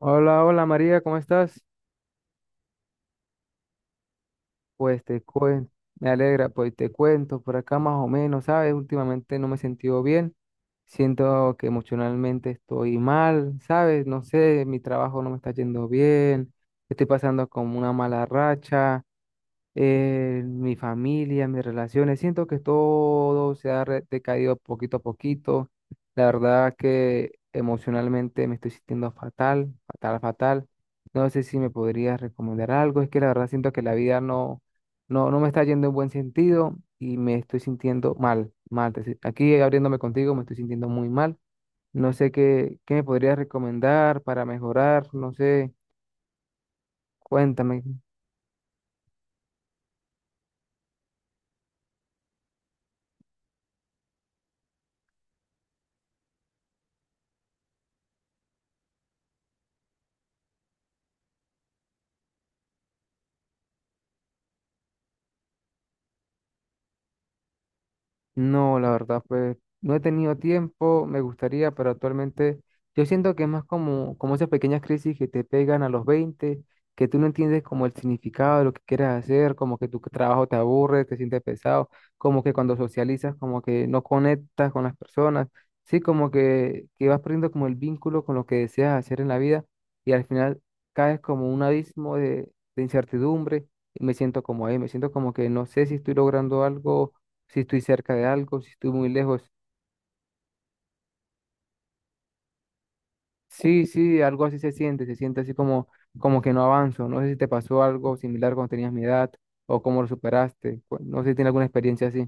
Hola, hola María, ¿cómo estás? Pues te cuento, me alegra, pues te cuento por acá más o menos, ¿sabes? Últimamente no me he sentido bien, siento que emocionalmente estoy mal, ¿sabes? No sé, mi trabajo no me está yendo bien, estoy pasando como una mala racha, mi familia, mis relaciones. Siento que todo se ha decaído poquito a poquito. La verdad que emocionalmente me estoy sintiendo fatal, fatal, fatal. No sé si me podrías recomendar algo. Es que la verdad siento que la vida no me está yendo en buen sentido y me estoy sintiendo mal, mal. Aquí abriéndome contigo me estoy sintiendo muy mal. No sé qué me podrías recomendar para mejorar. No sé, cuéntame. No, la verdad, pues no he tenido tiempo, me gustaría, pero actualmente yo siento que es más como esas pequeñas crisis que te pegan a los 20 que tú no entiendes como el significado de lo que quieres hacer, como que tu trabajo te aburre, te sientes pesado, como que cuando socializas, como que no conectas con las personas, sí, como que vas perdiendo como el vínculo con lo que deseas hacer en la vida y al final caes como un abismo de incertidumbre y me siento como ahí, me siento como que no sé si estoy logrando algo si estoy cerca de algo, si estoy muy lejos. Sí, sí, algo así se siente así como que no avanzo. No sé si te pasó algo similar cuando tenías mi edad o cómo lo superaste. No sé si tienes alguna experiencia así.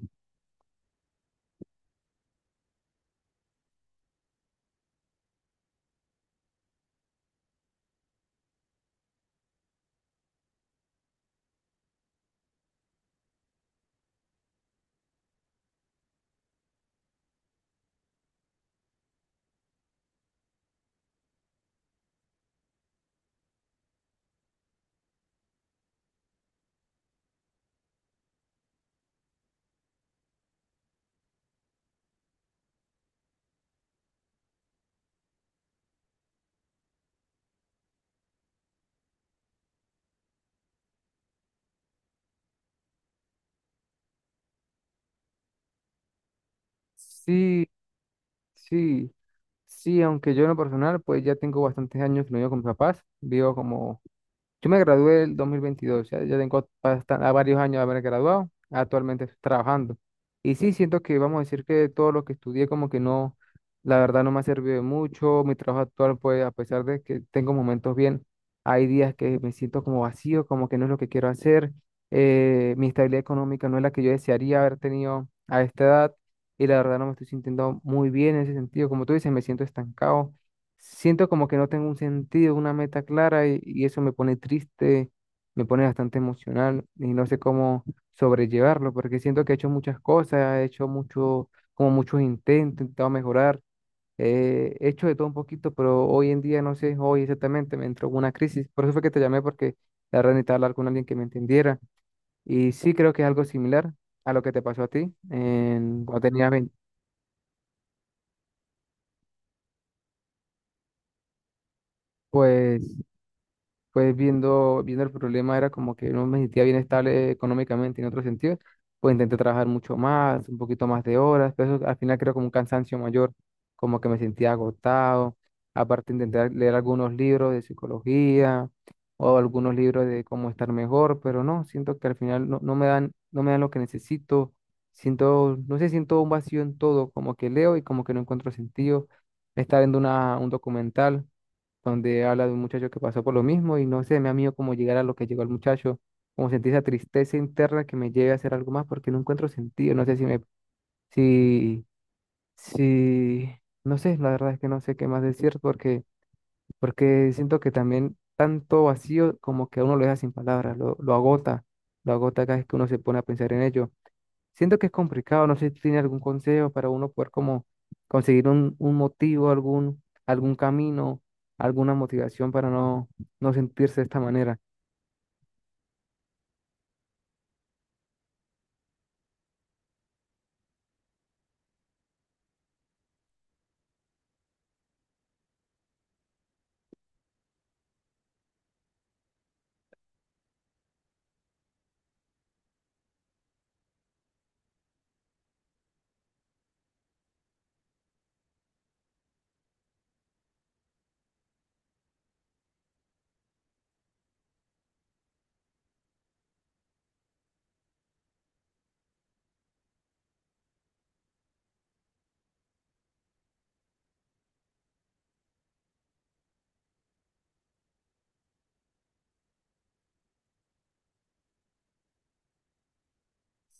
Sí, sí, sí, aunque yo en lo personal, pues ya tengo bastantes años que no vivo con mis papás, vivo como yo me gradué el 2022, ya, a varios años de haber graduado, actualmente estoy trabajando. Y sí, siento que vamos a decir que todo lo que estudié como que no, la verdad no me ha servido de mucho. Mi trabajo actual, pues a pesar de que tengo momentos bien, hay días que me siento como vacío, como que no es lo que quiero hacer, mi estabilidad económica no es la que yo desearía haber tenido a esta edad y la verdad no me estoy sintiendo muy bien en ese sentido, como tú dices, me siento estancado. Siento como que no tengo un sentido, una meta clara y eso me pone triste, me pone bastante emocional y no sé cómo sobrellevarlo porque siento que he hecho muchas cosas, he hecho mucho, como muchos intentos, he intentado mejorar, he hecho de todo un poquito, pero hoy en día no sé, hoy exactamente me entró una crisis. Por eso fue que te llamé porque la verdad necesitaba hablar con alguien que me entendiera y sí creo que es algo similar a lo que te pasó a ti en, cuando tenías 20. Pues pues viendo el problema era como que no me sentía bien estable económicamente en otro sentido, pues intenté trabajar mucho más, un poquito más de horas, pero eso al final creo como un cansancio mayor, como que me sentía agotado, aparte intenté leer algunos libros de psicología o algunos libros de cómo estar mejor, pero no, siento que al final no me dan, no me dan lo que necesito, siento, no sé, siento un vacío en todo, como que leo y como que no encuentro sentido. Estaba viendo un documental donde habla de un muchacho que pasó por lo mismo y no sé, me ha miedo cómo llegar a lo que llegó el muchacho, como sentir esa tristeza interna que me lleve a hacer algo más porque no encuentro sentido, no sé si me, si, si, no sé, la verdad es que no sé qué más decir porque, porque siento que también tanto vacío como que a uno lo deja sin palabras, lo agota cada vez que uno se pone a pensar en ello. Siento que es complicado, no sé si tiene algún consejo para uno poder como conseguir un motivo, algún camino, alguna motivación para no, no sentirse de esta manera.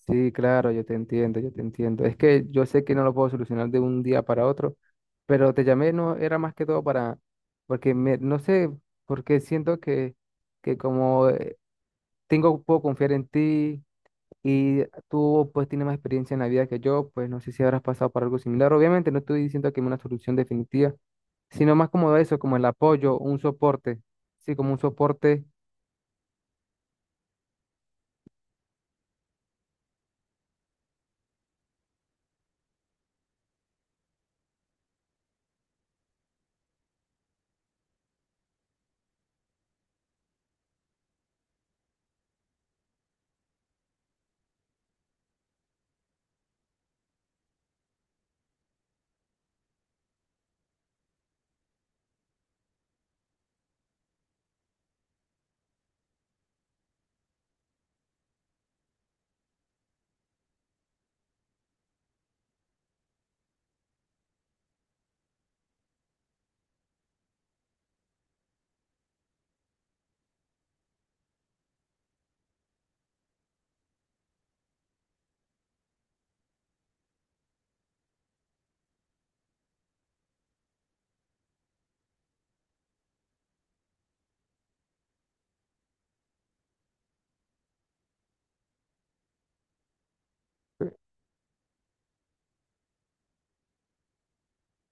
Sí, claro, yo te entiendo, yo te entiendo. Es que yo sé que no lo puedo solucionar de un día para otro, pero te llamé, no era más que todo para, porque me, no sé, porque siento que como tengo, puedo confiar en ti, y tú pues tienes más experiencia en la vida que yo, pues no sé si habrás pasado por algo similar. Obviamente no estoy diciendo que hay una solución definitiva, sino más como eso, como el apoyo, un soporte. Sí, como un soporte,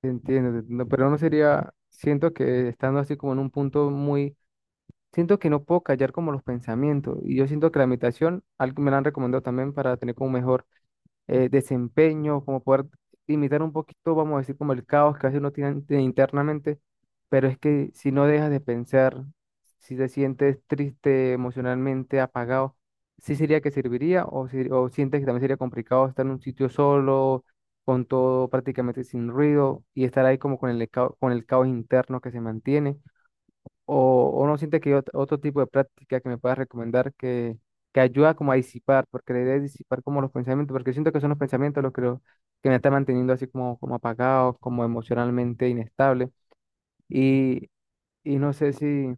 te entiendo, pero no sería, siento que estando así como en un punto muy, siento que desempeño, como poder imitar un poquito, vamos a decir, como el caos que a veces uno tiene internamente, pero es que si no dejas de pensar, si te sientes triste emocionalmente, apagado, ¿sí sería que serviría o, o sientes que también sería complicado estar en un sitio solo, con todo prácticamente sin ruido y estar ahí como con el, con el caos interno que se mantiene? O, o no siente que hay otro tipo de práctica que me puedas recomendar que ayuda como a disipar, porque la idea es disipar como los pensamientos, porque siento que son los pensamientos los que me están manteniendo así como, como apagado, como emocionalmente inestable. Y, y no sé si,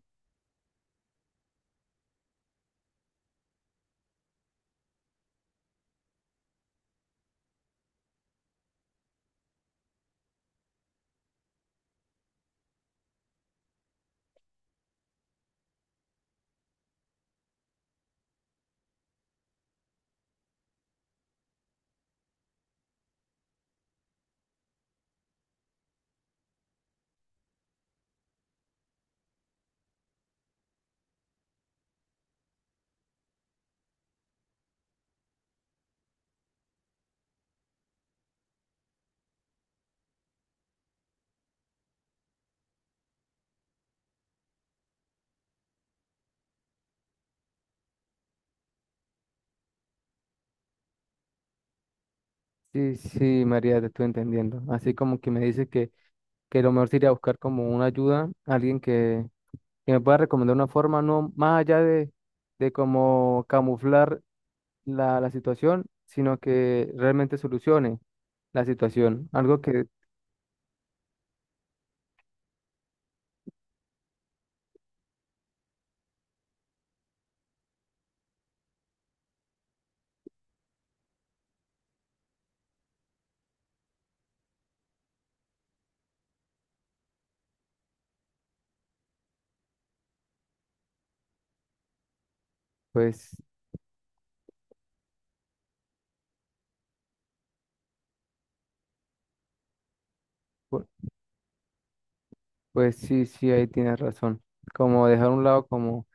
si, si María, te estoy entendiendo. Así como que me dice que lo mejor sería buscar como una ayuda, alguien que me pueda recomendar una forma, no más allá de como camuflar la situación, sino que realmente solucione la situación. Algo que, pues, pu- pues sí, sí, ahí tienes razón. Como dejar a un lado como,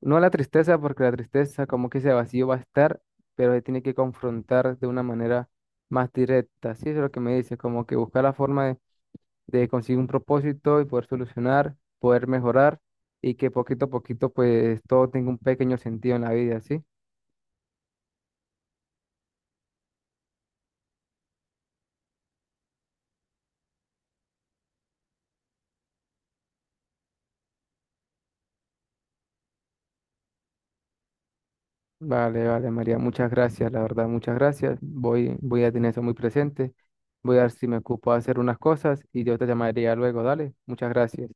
no la tristeza, porque la tristeza como que ese vacío va a estar, pero se tiene que confrontar de una manera más directa. Sí, eso es lo que me dice, como que buscar la forma de conseguir un propósito y poder solucionar, poder mejorar y que poquito a poquito, pues, todo tenga un pequeño sentido en la vida, ¿sí? Vale, vale, María, muchas gracias, la verdad, muchas gracias. Voy a tener eso muy presente. Voy a ver si me ocupo de hacer unas cosas y yo te llamaría luego, dale. Muchas gracias.